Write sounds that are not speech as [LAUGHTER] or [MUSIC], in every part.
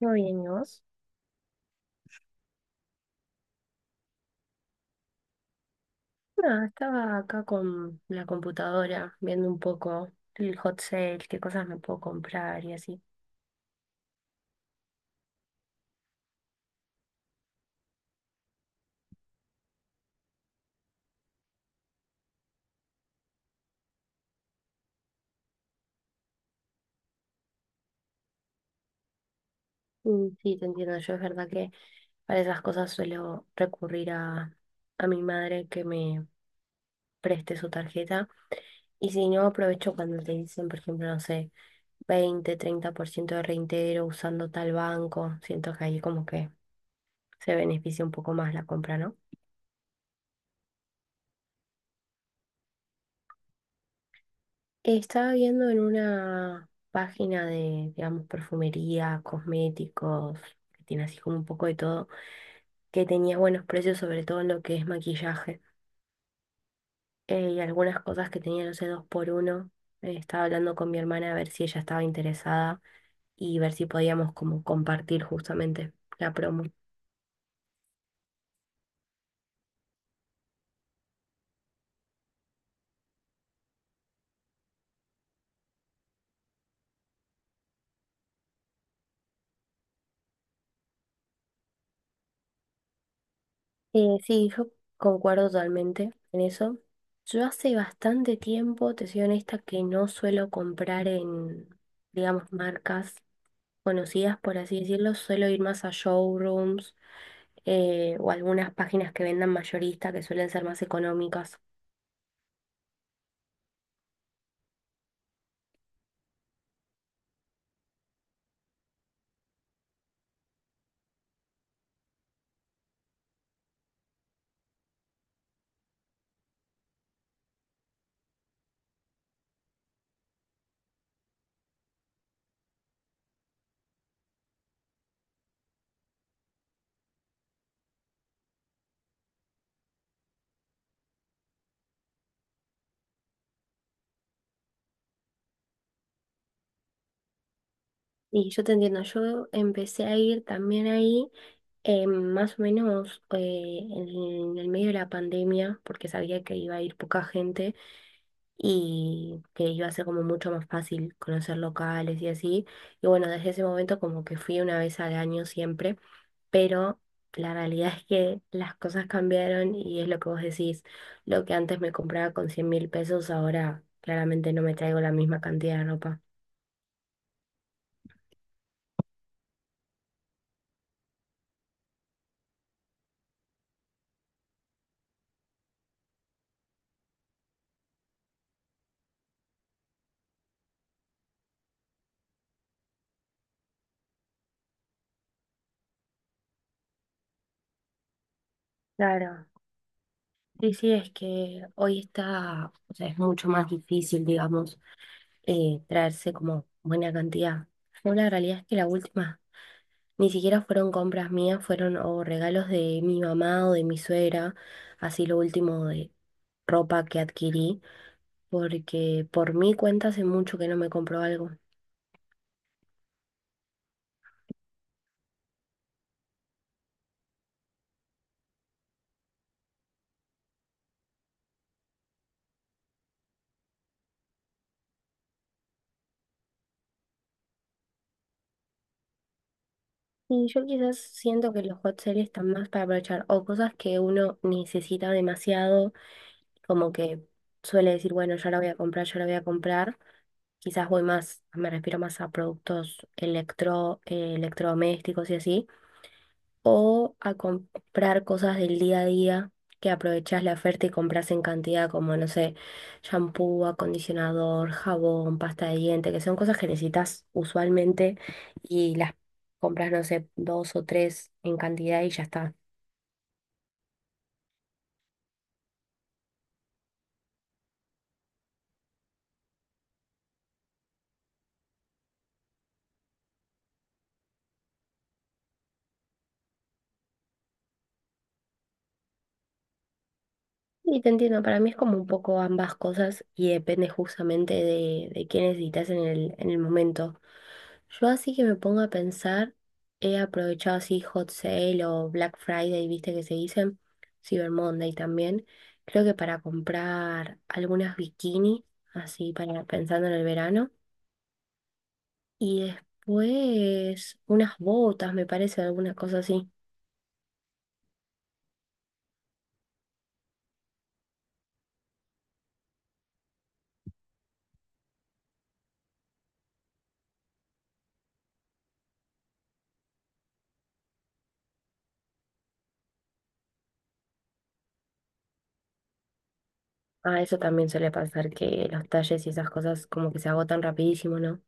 Muy bien, ¿y vos? Nada, estaba acá con la computadora viendo un poco el hot sale, qué cosas me puedo comprar y así. Mm, sí, te entiendo. Yo es verdad que para esas cosas suelo recurrir a mi madre que me preste su tarjeta. Y si no, aprovecho cuando te dicen, por ejemplo, no sé, 20-30% de reintegro usando tal banco. Siento que ahí como que se beneficia un poco más la compra, ¿no? Estaba viendo en una página de, digamos, perfumería, cosméticos, que tiene así como un poco de todo, que tenía buenos precios, sobre todo en lo que es maquillaje. Y algunas cosas que tenía, no sé, dos por uno. Estaba hablando con mi hermana a ver si ella estaba interesada y ver si podíamos como compartir justamente la promo. Sí, yo concuerdo totalmente en eso. Yo hace bastante tiempo, te soy honesta, que no suelo comprar en, digamos, marcas conocidas, por así decirlo. Suelo ir más a showrooms, o algunas páginas que vendan mayorista, que suelen ser más económicas. Y yo te entiendo, yo empecé a ir también ahí, más o menos, en el medio de la pandemia, porque sabía que iba a ir poca gente y que iba a ser como mucho más fácil conocer locales y así. Y bueno, desde ese momento como que fui una vez al año siempre, pero la realidad es que las cosas cambiaron y es lo que vos decís: lo que antes me compraba con 100.000 pesos, ahora claramente no me traigo la misma cantidad de ropa. Claro. Sí, sí, es que hoy está, o sea, es mucho más difícil, digamos, traerse como buena cantidad. Yo, la realidad es que la última ni siquiera fueron compras mías, fueron o regalos de mi mamá o de mi suegra, así lo último de ropa que adquirí, porque por mi cuenta hace mucho que no me compro algo. Y yo quizás siento que los hot sales están más para aprovechar o cosas que uno necesita demasiado, como que suele decir, bueno, ya la voy a comprar, ya la voy a comprar. Quizás voy más, me refiero más a productos electrodomésticos y así, o a comprar cosas del día a día, que aprovechás la oferta y compras en cantidad, como, no sé, shampoo, acondicionador, jabón, pasta de diente, que son cosas que necesitas usualmente y las compras, no sé, dos o tres en cantidad y ya está. Y te entiendo, para mí es como un poco ambas cosas y depende justamente de qué necesitas en el momento. Yo, así que me pongo a pensar, he aprovechado así Hot Sale o Black Friday, viste que se dicen, Cyber Monday también, creo que para comprar algunas bikinis, así para pensando en el verano, y después unas botas, me parece, alguna cosa así. Ah, eso también suele pasar, que los talles y esas cosas como que se agotan rapidísimo, ¿no?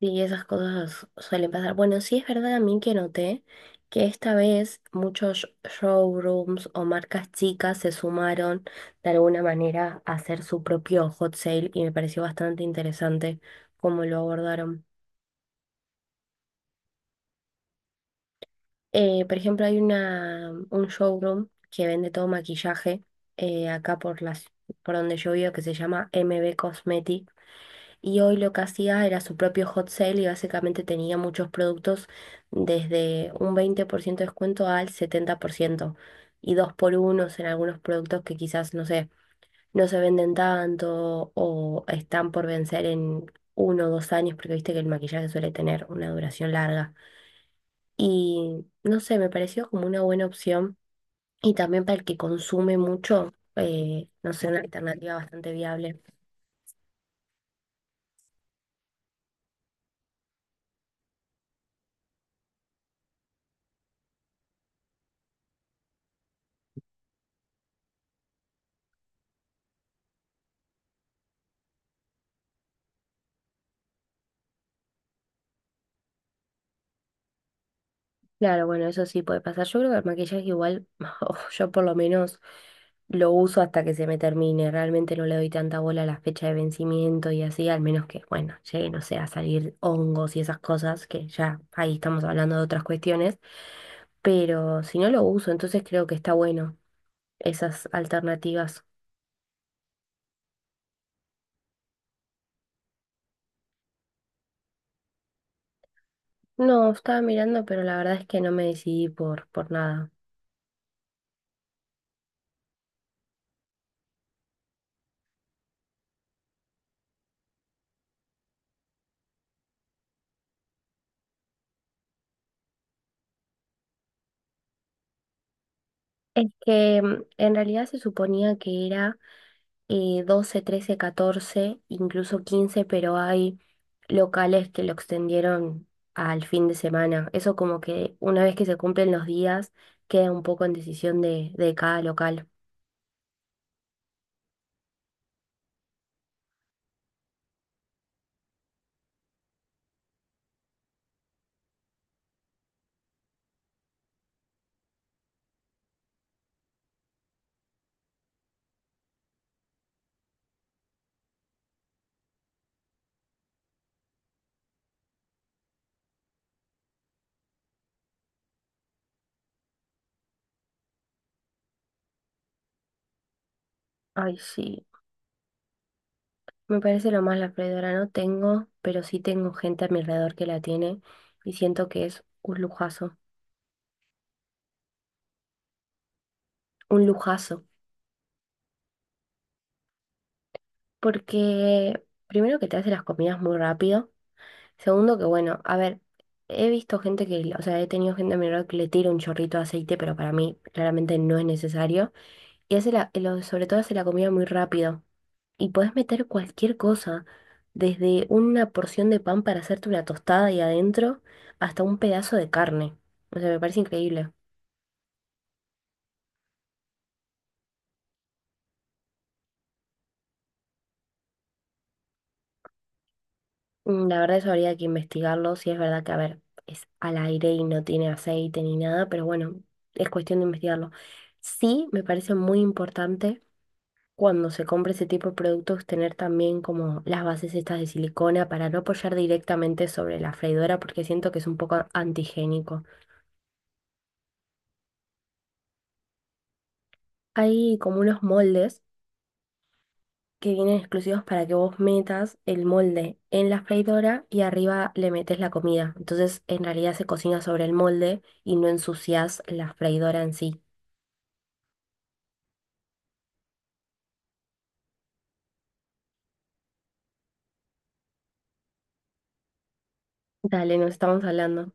Sí, esas cosas suelen pasar. Bueno, sí es verdad, a mí que noté que esta vez muchos showrooms o marcas chicas se sumaron de alguna manera a hacer su propio hot sale, y me pareció bastante interesante cómo lo abordaron. Por ejemplo, hay un showroom que vende todo maquillaje, acá por por donde yo vivo, que se llama MB Cosmetic. Y hoy lo que hacía era su propio hot sale, y básicamente tenía muchos productos desde un 20% de descuento al 70%, y dos por unos en algunos productos que quizás, no sé, no se venden tanto o están por vencer en uno o dos años, porque viste que el maquillaje suele tener una duración larga. Y no sé, me pareció como una buena opción. Y también para el que consume mucho, no sé, una alternativa bastante viable. Claro, bueno, eso sí puede pasar. Yo creo que el maquillaje igual, [LAUGHS] o yo por lo menos lo uso hasta que se me termine. Realmente no le doy tanta bola a la fecha de vencimiento y así, al menos que, bueno, llegue, no sé, a salir hongos y esas cosas, que ya ahí estamos hablando de otras cuestiones. Pero si no lo uso, entonces creo que está bueno esas alternativas. No, estaba mirando, pero la verdad es que no me decidí por nada. Es que en realidad se suponía que era 12, 13, 14, incluso 15, pero hay locales que lo extendieron al fin de semana. Eso, como que una vez que se cumplen los días, queda un poco en decisión de cada local. Ay, sí, me parece lo más. La freidora no tengo, pero sí tengo gente a mi alrededor que la tiene y siento que es un lujazo, porque primero que te hace las comidas muy rápido. Segundo que, bueno, a ver, he visto gente que, o sea, he tenido gente a mi alrededor que le tira un chorrito de aceite, pero para mí claramente no es necesario. Y sobre todo hace la comida muy rápido. Y podés meter cualquier cosa, desde una porción de pan para hacerte una tostada y adentro, hasta un pedazo de carne. O sea, me parece increíble. Mm, la verdad eso habría que investigarlo. Si es verdad que, a ver, es al aire y no tiene aceite ni nada, pero bueno, es cuestión de investigarlo. Sí, me parece muy importante cuando se compre ese tipo de productos, tener también como las bases estas de silicona para no apoyar directamente sobre la freidora, porque siento que es un poco antigénico. Hay como unos moldes que vienen exclusivos para que vos metas el molde en la freidora y arriba le metes la comida. Entonces, en realidad se cocina sobre el molde y no ensucias la freidora en sí. Dale, nos estamos hablando.